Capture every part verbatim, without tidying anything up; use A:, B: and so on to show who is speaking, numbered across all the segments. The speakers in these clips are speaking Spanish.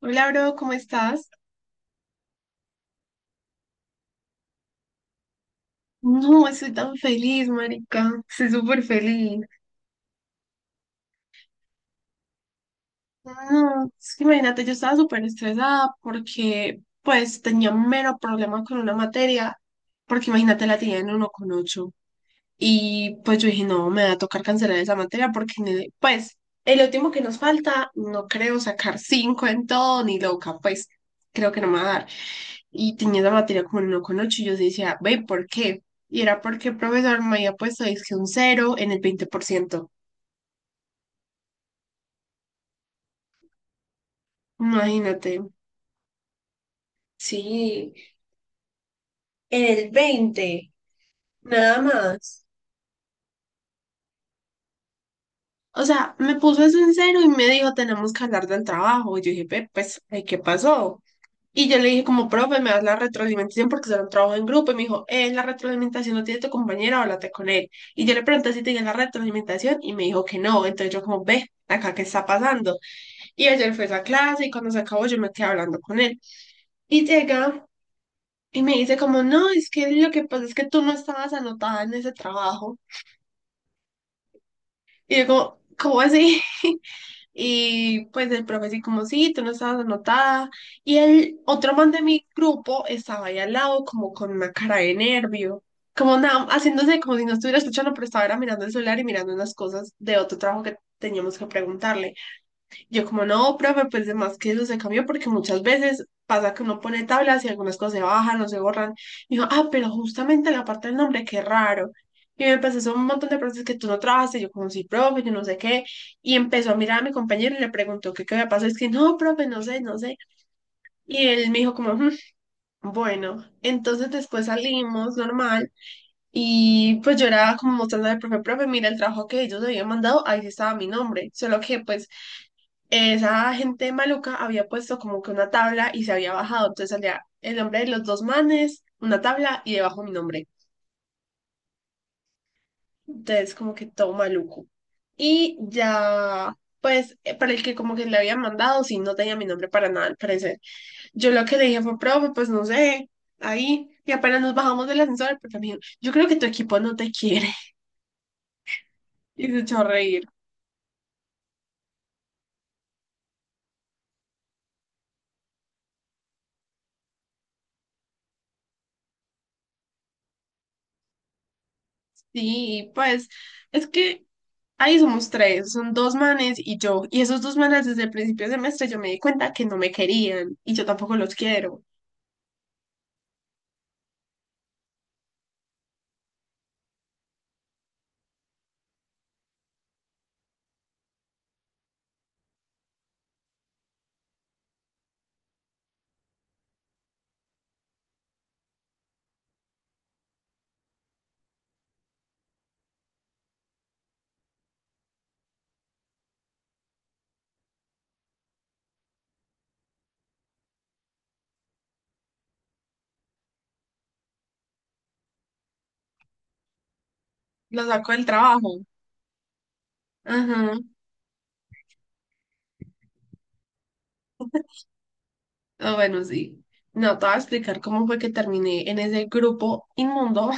A: Hola, bro, ¿cómo estás? No, estoy tan feliz, marica. Estoy súper feliz. No, es que imagínate, yo estaba súper estresada porque, pues, tenía mero problema con una materia. Porque imagínate, la tenía en uno con ocho. Y pues yo dije, no, me va a tocar cancelar esa materia porque, en pues, el último que nos falta, no creo sacar cinco en todo, ni loca, pues, creo que no me va a dar. Y tenía esa materia como no con ocho, y yo decía, ve, ¿por qué? Y era porque el profesor me había puesto, es que un cero en el veinte por ciento. Imagínate. Sí, en el veinte nada más. O sea, me puso eso en cero y me dijo, tenemos que hablar del trabajo. Y yo dije, ve, pues, ay, ¿qué pasó? Y yo le dije como, profe, me das la retroalimentación porque será un trabajo en grupo. Y me dijo, eh, la retroalimentación no tiene tu compañera, háblate con él. Y yo le pregunté si tenía la retroalimentación y me dijo que no. Entonces yo como, ve, acá qué está pasando. Y ayer fue esa clase y cuando se acabó yo me quedé hablando con él. Y llega y me dice como, no, es que lo que pasa es que tú no estabas anotada en ese trabajo. Y yo como, ¿cómo así? Y pues el profe así como, sí, tú no estabas anotada. Y el otro man de mi grupo estaba ahí al lado como con una cara de nervio, como nada, haciéndose como si no estuviera escuchando, pero estaba era mirando el celular y mirando unas cosas de otro trabajo que teníamos que preguntarle. Yo como no, profe, pues de más que eso se cambió porque muchas veces pasa que uno pone tablas y algunas cosas se bajan o se borran. Y yo, ah, pero justamente la parte del nombre, qué raro. Y me empezó a hacer un montón de preguntas que tú no trabajaste, yo como sí, profe, yo no sé qué. Y empezó a mirar a mi compañero y le preguntó que qué había pasado. Es que no, profe, no sé, no sé. Y él me dijo como, "Mm, bueno", entonces después salimos normal. Y pues yo era como mostrándole al profe, profe, mira el trabajo que ellos habían mandado, ahí sí estaba mi nombre. Solo que pues esa gente maluca había puesto como que una tabla y se había bajado, entonces salía el nombre de los dos manes, una tabla y debajo mi nombre. Entonces como que todo maluco. Y ya, pues eh, para el que como que le habían mandado, sí, no tenía mi nombre para nada al parecer. Yo lo que le dije fue, profe, pues no sé, ahí. Y apenas nos bajamos del ascensor, porque me dijo, yo creo que tu equipo no te quiere. Y se echó a reír. Sí, pues es que ahí somos tres, son dos manes y yo. Y esos dos manes desde el principio del semestre yo me di cuenta que no me querían y yo tampoco los quiero. Los saco del trabajo. Ajá. Ah, bueno, sí. No, te voy a explicar cómo fue que terminé en ese grupo inmundo.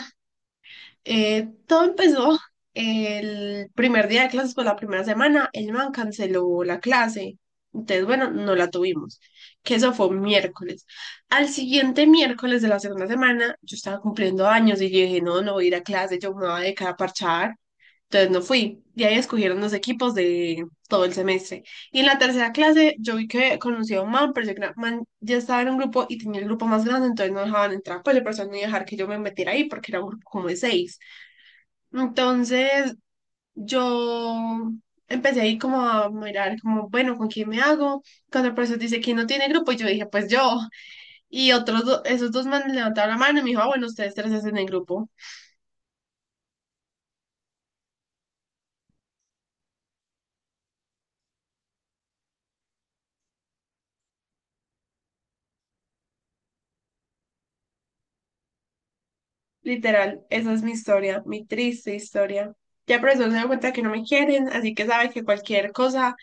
A: Eh, todo empezó el primer día de clases, pues la primera semana, el man canceló la clase. Entonces, bueno, no la tuvimos, que eso fue un miércoles. Al siguiente miércoles de la segunda semana, yo estaba cumpliendo años y yo dije, no, no voy a ir a clase, yo me voy a dedicar a parchar. Entonces no fui. Y ahí escogieron los equipos de todo el semestre. Y en la tercera clase, yo vi que conocí a un man, pero yo creo man ya estaba en un grupo y tenía el grupo más grande, entonces no dejaban entrar, pues le personas no iba a dejar que yo me metiera ahí porque era un grupo como de seis. Entonces yo empecé ahí como a mirar, como, bueno, ¿con quién me hago? Cuando el profesor dice que no tiene grupo, y yo dije, pues yo. Y otros, do- esos dos manes levantaron la mano y me dijo, ah, bueno, ustedes tres hacen el grupo. Literal, esa es mi historia, mi triste historia. Ya el profesor se dio cuenta que no me quieren, así que sabe que cualquier cosa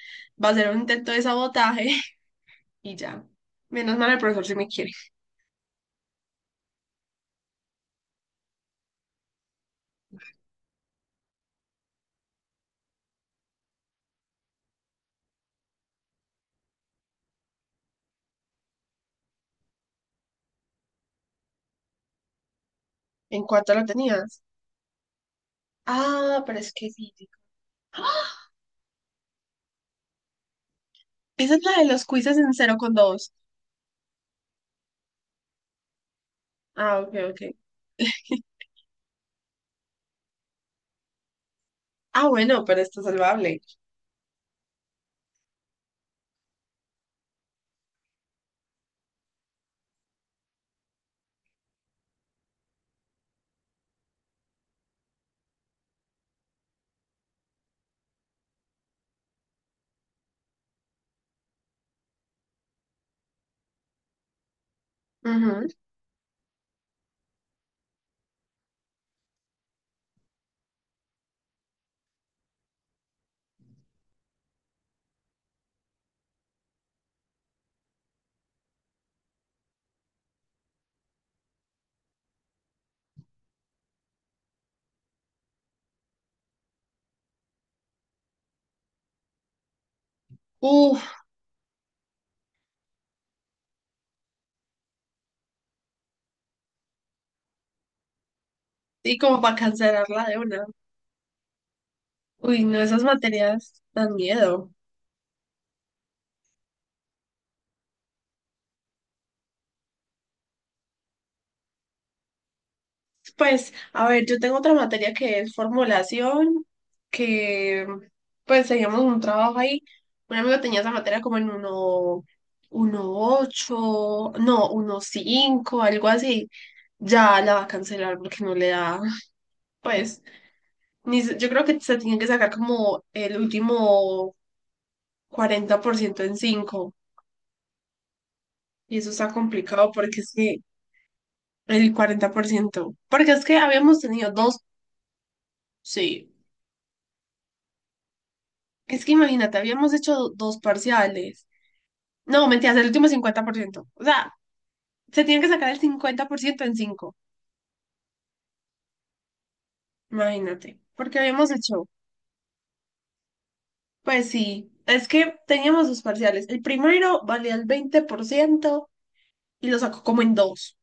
A: va a ser un intento de sabotaje y ya. Menos mal el profesor sí me quiere. ¿En cuánto lo tenías? Ah, pero es que sí. Esa es la de los quizzes en cero con dos. Ah, ok, ok. Ah, bueno, pero está salvable. Ujú. Uf, y como para cancelarla de una. Uy, no, esas materias dan miedo. Pues, a ver, yo tengo otra materia que es formulación, que pues teníamos un trabajo ahí. Un amigo tenía esa materia como en uno, uno ocho, no, uno cinco, algo así. Ya la va a cancelar porque no le da, pues, ni, se- yo creo que se tiene que sacar como el último cuarenta por ciento en cinco. Y eso está complicado porque es que el cuarenta por ciento porque es que habíamos tenido dos, sí. Es que imagínate, habíamos hecho dos parciales. No, mentiras, el último cincuenta por ciento. O sea, se tiene que sacar el cincuenta por ciento en cinco. Imagínate. Porque habíamos hecho. Pues sí, es que teníamos dos parciales. El primero valía el veinte por ciento y lo sacó como en dos.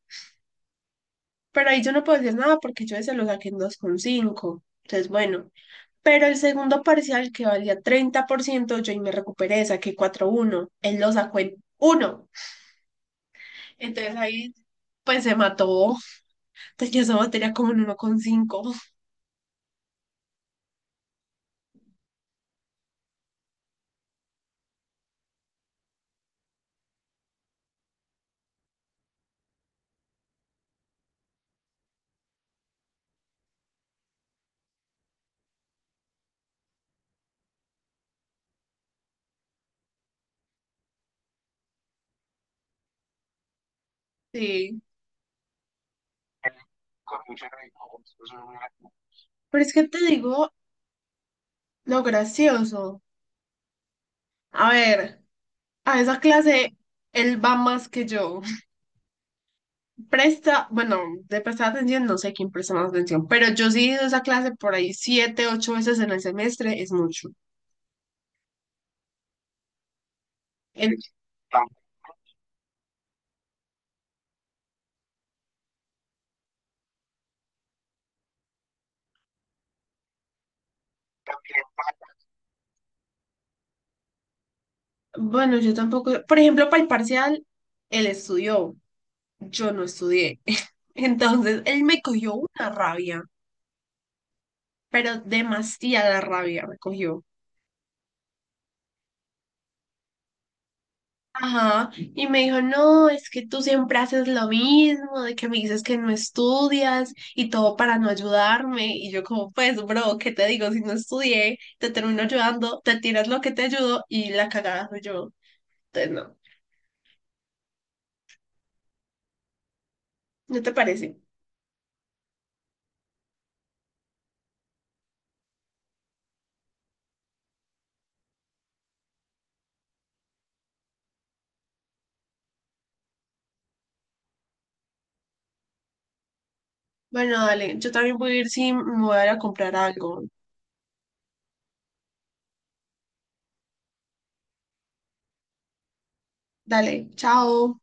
A: Pero ahí yo no puedo decir nada porque yo ese lo saqué en dos coma cinco. Entonces, bueno. Pero el segundo parcial que valía treinta por ciento yo ahí me recuperé, saqué cuatro coma uno. Él lo sacó en uno. Entonces ahí, pues se mató. Tenía esa materia como en uno coma cinco. Sí. Pero es que te digo lo gracioso. A ver, a esa clase él va más que yo. Presta, bueno, de prestar atención, no sé quién presta más atención, pero yo sí he ido a esa clase por ahí siete, ocho veces en el semestre, es mucho. En- bueno, yo tampoco, por ejemplo, para el parcial, él estudió, yo no estudié. Entonces, él me cogió una rabia, pero demasiada rabia me cogió. Ajá, y me dijo, no, es que tú siempre haces lo mismo, de que me dices que no estudias y todo para no ayudarme. Y yo como, pues, bro, ¿qué te digo? Si no estudié, te termino ayudando, te tiras lo que te ayudo y la cagada soy yo. Entonces, no, ¿no te parece? Bueno, dale, yo también voy a ir si me voy a ir a comprar algo. Dale, chao.